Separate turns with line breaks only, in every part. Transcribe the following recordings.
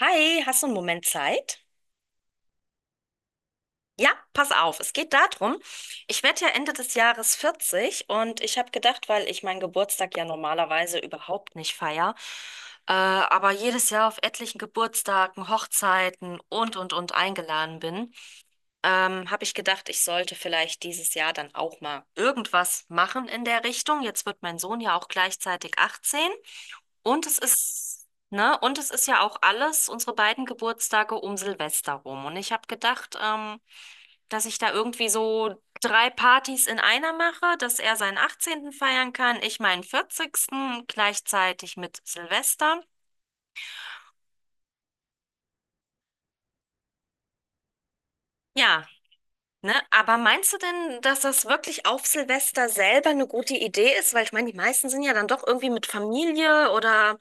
Hi, hast du einen Moment Zeit? Ja, pass auf, es geht darum, ich werde ja Ende des Jahres 40 und ich habe gedacht, weil ich meinen Geburtstag ja normalerweise überhaupt nicht feier, aber jedes Jahr auf etlichen Geburtstagen, Hochzeiten und eingeladen bin, habe ich gedacht, ich sollte vielleicht dieses Jahr dann auch mal irgendwas machen in der Richtung. Jetzt wird mein Sohn ja auch gleichzeitig 18, und es ist, ne, und es ist ja auch alles, unsere beiden Geburtstage um Silvester rum. Und ich habe gedacht, dass ich da irgendwie so drei Partys in einer mache, dass er seinen 18. feiern kann, ich meinen 40. gleichzeitig mit Silvester. Ja, ne? Aber meinst du denn, dass das wirklich auf Silvester selber eine gute Idee ist? Weil ich meine, die meisten sind ja dann doch irgendwie mit Familie oder.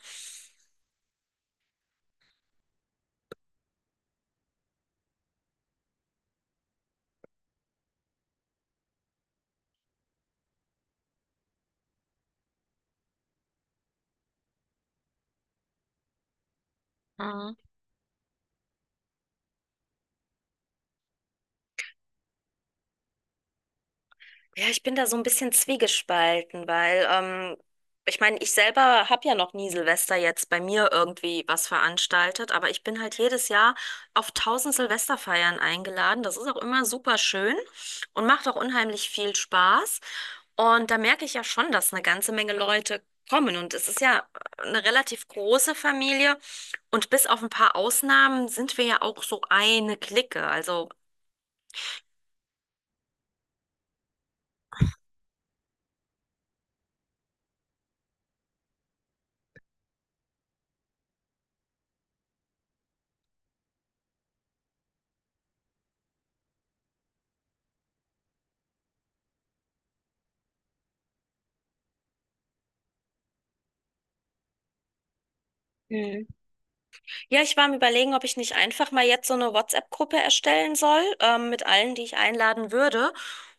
Ja, ich bin da so ein bisschen zwiegespalten, weil ich meine, ich selber habe ja noch nie Silvester jetzt bei mir irgendwie was veranstaltet, aber ich bin halt jedes Jahr auf tausend Silvesterfeiern eingeladen. Das ist auch immer super schön und macht auch unheimlich viel Spaß. Und da merke ich ja schon, dass eine ganze Menge Leute kommen. Und es ist ja eine relativ große Familie. Und bis auf ein paar Ausnahmen sind wir ja auch so eine Clique. Also. Ja, ich war am Überlegen, ob ich nicht einfach mal jetzt so eine WhatsApp-Gruppe erstellen soll, mit allen, die ich einladen würde.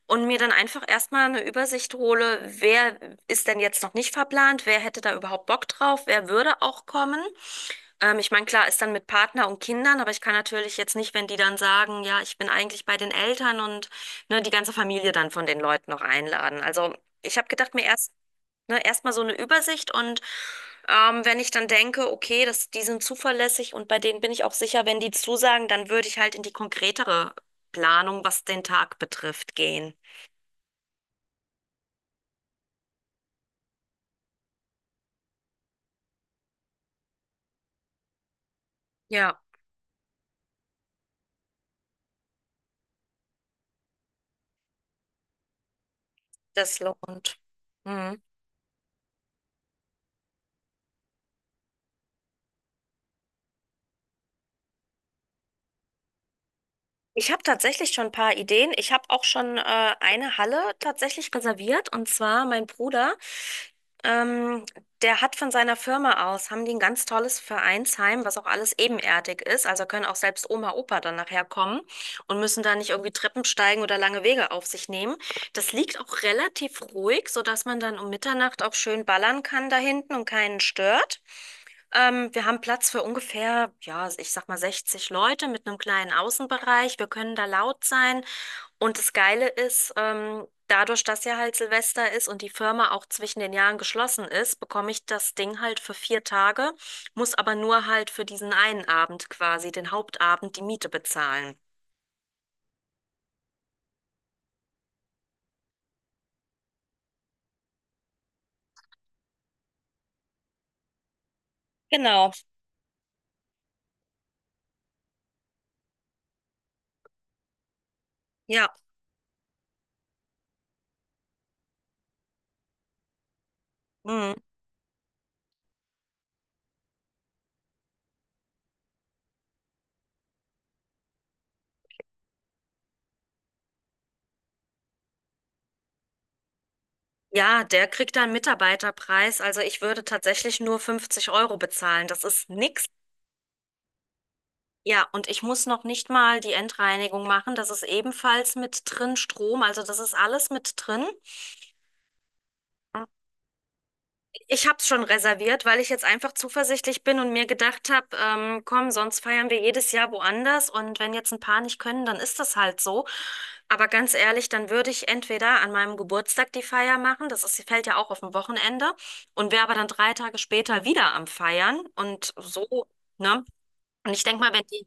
Und mir dann einfach erstmal eine Übersicht hole, wer ist denn jetzt noch nicht verplant, wer hätte da überhaupt Bock drauf, wer würde auch kommen. Ich meine, klar, ist dann mit Partner und Kindern, aber ich kann natürlich jetzt nicht, wenn die dann sagen, ja, ich bin eigentlich bei den Eltern und ne, die ganze Familie dann von den Leuten noch einladen. Also ich habe gedacht, mir erst, ne, erstmal so eine Übersicht, und wenn ich dann denke, okay, das, die sind zuverlässig und bei denen bin ich auch sicher, wenn die zusagen, dann würde ich halt in die konkretere Planung, was den Tag betrifft, gehen. Ja, das lohnt. Mhm. Ich habe tatsächlich schon ein paar Ideen. Ich habe auch schon eine Halle tatsächlich reserviert. Und zwar mein Bruder, ähm, der hat von seiner Firma aus, haben die ein ganz tolles Vereinsheim, was auch alles ebenerdig ist. Also können auch selbst Oma, Opa dann nachher kommen und müssen da nicht irgendwie Treppen steigen oder lange Wege auf sich nehmen. Das liegt auch relativ ruhig, sodass man dann um Mitternacht auch schön ballern kann da hinten und keinen stört. Wir haben Platz für ungefähr, ja, ich sag mal 60 Leute mit einem kleinen Außenbereich. Wir können da laut sein. Und das Geile ist, dadurch, dass ja halt Silvester ist und die Firma auch zwischen den Jahren geschlossen ist, bekomme ich das Ding halt für 4 Tage, muss aber nur halt für diesen einen Abend quasi, den Hauptabend, die Miete bezahlen. Genau, ja. Mhm. Ja, der kriegt da einen Mitarbeiterpreis. Also ich würde tatsächlich nur 50 € bezahlen. Das ist nix. Ja, und ich muss noch nicht mal die Endreinigung machen. Das ist ebenfalls mit drin, Strom. Also das ist alles mit drin. Ich habe es schon reserviert, weil ich jetzt einfach zuversichtlich bin und mir gedacht habe, komm, sonst feiern wir jedes Jahr woanders. Und wenn jetzt ein paar nicht können, dann ist das halt so. Aber ganz ehrlich, dann würde ich entweder an meinem Geburtstag die Feier machen. Das ist, fällt ja auch auf ein Wochenende. Und wäre aber dann 3 Tage später wieder am Feiern. Und so, ne? Und ich denke mal, wenn die.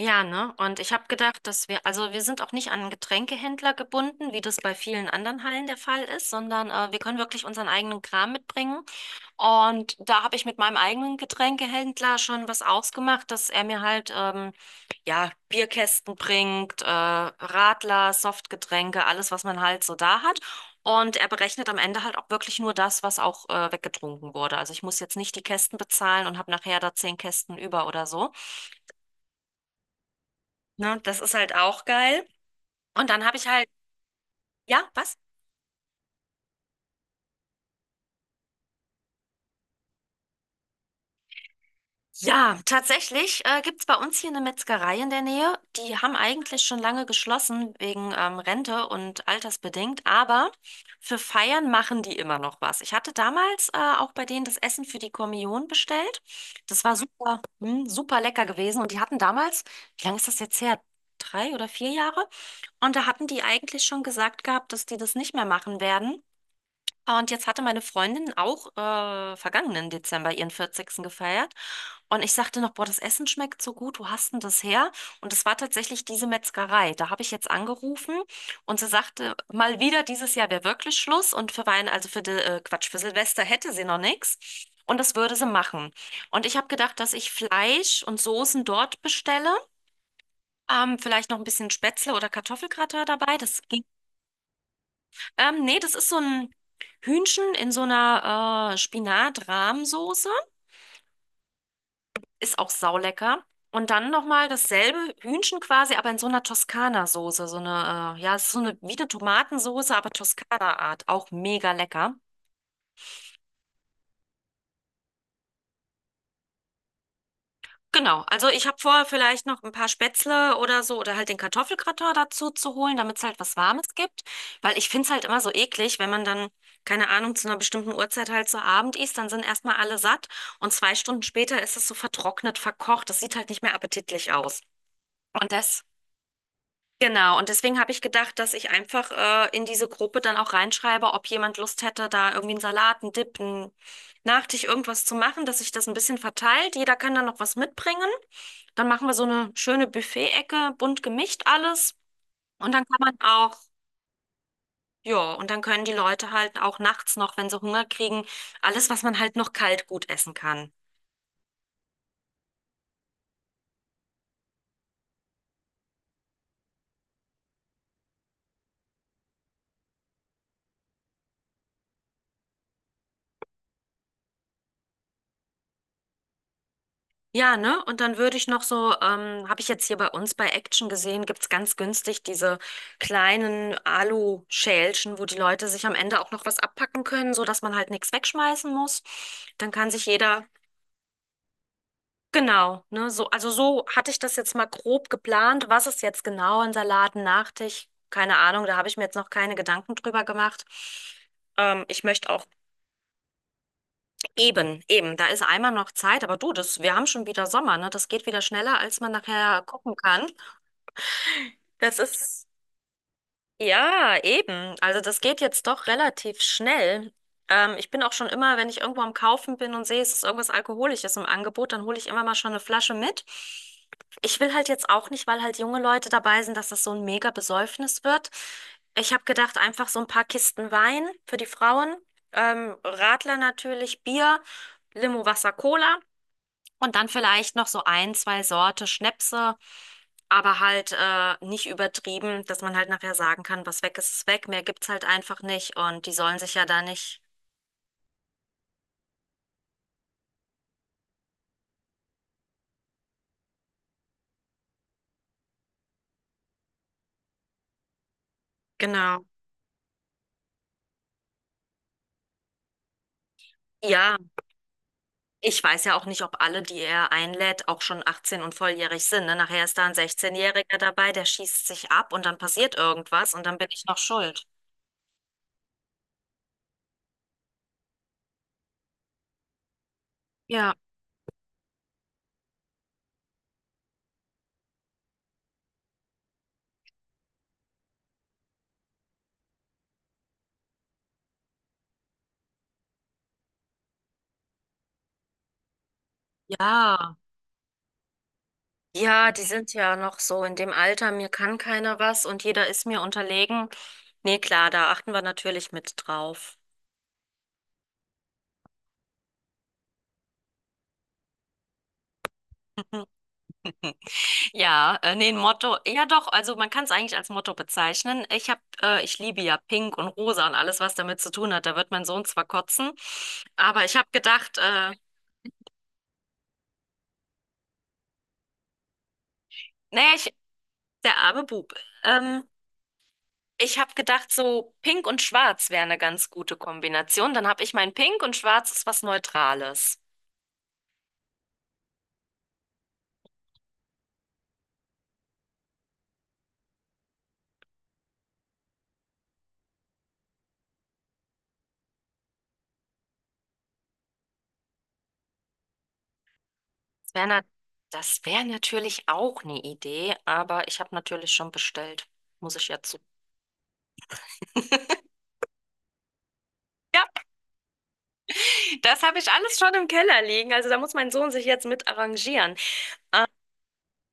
Ja, ne? Und ich habe gedacht, dass wir, also wir sind auch nicht an einen Getränkehändler gebunden, wie das bei vielen anderen Hallen der Fall ist, sondern wir können wirklich unseren eigenen Kram mitbringen. Und da habe ich mit meinem eigenen Getränkehändler schon was ausgemacht, dass er mir halt, ja, Bierkästen bringt, Radler, Softgetränke, alles, was man halt so da hat. Und er berechnet am Ende halt auch wirklich nur das, was auch weggetrunken wurde. Also ich muss jetzt nicht die Kästen bezahlen und habe nachher da zehn Kästen über oder so. Ne? Das ist halt auch geil. Und dann habe ich halt, ja, was? Ja, tatsächlich gibt's bei uns hier eine Metzgerei in der Nähe. Die haben eigentlich schon lange geschlossen wegen Rente und altersbedingt, aber für Feiern machen die immer noch was. Ich hatte damals auch bei denen das Essen für die Kommunion bestellt. Das war super, super lecker gewesen. Und die hatten damals, wie lange ist das jetzt her? 3 oder 4 Jahre? Und da hatten die eigentlich schon gesagt gehabt, dass die das nicht mehr machen werden. Und jetzt hatte meine Freundin auch vergangenen Dezember ihren 40. gefeiert. Und ich sagte noch, boah, das Essen schmeckt so gut, wo hast denn das her? Und es war tatsächlich diese Metzgerei. Da habe ich jetzt angerufen, und sie sagte, mal wieder, dieses Jahr wäre wirklich Schluss. Und für Weihnachten, also für die, Quatsch, für Silvester hätte sie noch nichts. Und das würde sie machen. Und ich habe gedacht, dass ich Fleisch und Soßen dort bestelle. Vielleicht noch ein bisschen Spätzle oder Kartoffelgratin dabei. Das ging, nee, das ist so ein Hühnchen in so einer Spinat-Rahmsoße. Ist auch saulecker. Und dann nochmal dasselbe Hühnchen quasi, aber in so einer Toskana-Soße. So eine, ja, es ist so eine, wie eine Tomatensoße, aber Toskana-Art. Auch mega lecker. Genau, also ich habe vor, vielleicht noch ein paar Spätzle oder so oder halt den Kartoffelgratin dazu zu holen, damit es halt was Warmes gibt. Weil ich finde es halt immer so eklig, wenn man dann, keine Ahnung, zu einer bestimmten Uhrzeit halt so Abend isst, dann sind erstmal alle satt und 2 Stunden später ist es so vertrocknet, verkocht. Das sieht halt nicht mehr appetitlich aus. Und das, genau, und deswegen habe ich gedacht, dass ich einfach in diese Gruppe dann auch reinschreibe, ob jemand Lust hätte, da irgendwie einen Salat, einen Dip, einen Nachtisch, irgendwas zu machen, dass sich das ein bisschen verteilt. Jeder kann dann noch was mitbringen. Dann machen wir so eine schöne Buffet-Ecke, bunt gemischt alles. Und dann kann man auch, ja, und dann können die Leute halt auch nachts noch, wenn sie Hunger kriegen, alles, was man halt noch kalt gut essen kann. Ja, ne? Und dann würde ich noch so, habe ich jetzt hier bei uns bei Action gesehen, gibt's ganz günstig diese kleinen Alu-Schälchen, wo die Leute sich am Ende auch noch was abpacken können, so dass man halt nichts wegschmeißen muss. Dann kann sich jeder. Genau, ne, so, also so hatte ich das jetzt mal grob geplant. Was ist jetzt genau ein Salat, ein Nachtisch? Keine Ahnung, da habe ich mir jetzt noch keine Gedanken drüber gemacht. Ich möchte auch eben, eben, da ist einmal noch Zeit, aber du, das, wir haben schon wieder Sommer, ne? Das geht wieder schneller, als man nachher gucken kann. Das ist. Ja, eben. Also das geht jetzt doch relativ schnell. Ich bin auch schon immer, wenn ich irgendwo am Kaufen bin und sehe, es ist irgendwas Alkoholisches im Angebot, dann hole ich immer mal schon eine Flasche mit. Ich will halt jetzt auch nicht, weil halt junge Leute dabei sind, dass das so ein mega Besäufnis wird. Ich habe gedacht, einfach so ein paar Kisten Wein für die Frauen, Radler natürlich, Bier, Limo, Wasser, Cola. Und dann vielleicht noch so ein, zwei Sorte Schnäpse, aber halt nicht übertrieben, dass man halt nachher sagen kann, was weg ist, ist weg. Mehr gibt's halt einfach nicht, und die sollen sich ja da nicht. Genau. Ja, ich weiß ja auch nicht, ob alle, die er einlädt, auch schon 18 und volljährig sind. Ne? Nachher ist da ein 16-Jähriger dabei, der schießt sich ab und dann passiert irgendwas und dann bin ich noch schuld. Ja. Ja. Ja, die sind ja noch so in dem Alter, mir kann keiner was und jeder ist mir unterlegen. Nee, klar, da achten wir natürlich mit drauf. Ja, nee, ein Motto, ja doch, also man kann es eigentlich als Motto bezeichnen. Ich liebe ja Pink und Rosa und alles, was damit zu tun hat. Da wird mein Sohn zwar kotzen, aber ich habe gedacht, naja, ich, der arme Bub. Ähm, Ich habe gedacht, so Pink und Schwarz wäre eine ganz gute Kombination. Dann habe ich mein Pink, und Schwarz ist was Neutrales. Das wäre na, das wär natürlich auch eine Idee, aber ich habe natürlich schon bestellt. Muss ich ja zu. Ja, das habe ich alles schon im Keller liegen. Also da muss mein Sohn sich jetzt mit arrangieren.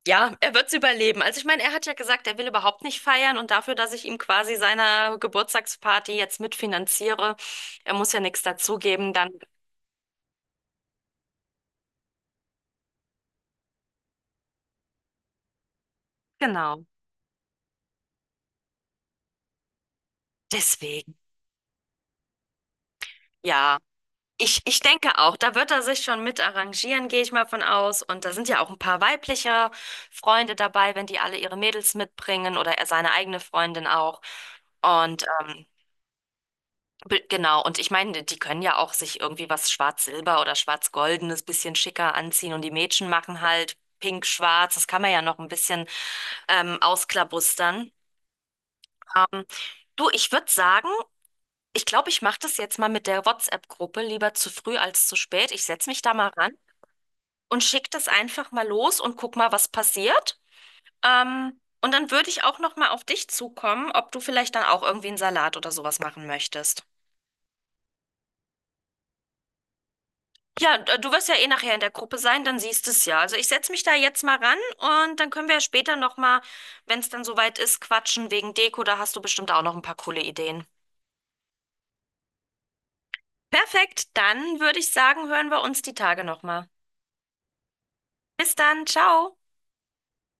Ja, er wird es überleben. Also ich meine, er hat ja gesagt, er will überhaupt nicht feiern, und dafür, dass ich ihm quasi seine Geburtstagsparty jetzt mitfinanziere, er muss ja nichts dazugeben, dann genau. Deswegen. Ja. Ich denke auch, da wird er sich schon mit arrangieren, gehe ich mal von aus. Und da sind ja auch ein paar weibliche Freunde dabei, wenn die alle ihre Mädels mitbringen oder er seine eigene Freundin auch. Und genau, und ich meine, die können ja auch sich irgendwie was Schwarz-Silber oder Schwarz-Goldenes bisschen schicker anziehen und die Mädchen machen halt Pink-Schwarz. Das kann man ja noch ein bisschen ausklabustern. Ähm, Du, ich würde sagen, ich glaube, ich mache das jetzt mal mit der WhatsApp-Gruppe lieber zu früh als zu spät. Ich setze mich da mal ran und schick das einfach mal los und guck mal, was passiert. Und dann würde ich auch noch mal auf dich zukommen, ob du vielleicht dann auch irgendwie einen Salat oder sowas machen möchtest. Ja, du wirst ja eh nachher in der Gruppe sein, dann siehst du es ja. Also ich setze mich da jetzt mal ran und dann können wir ja später noch mal, wenn es dann soweit ist, quatschen wegen Deko. Da hast du bestimmt auch noch ein paar coole Ideen. Perfekt, dann würde ich sagen, hören wir uns die Tage noch mal. Bis dann, ciao.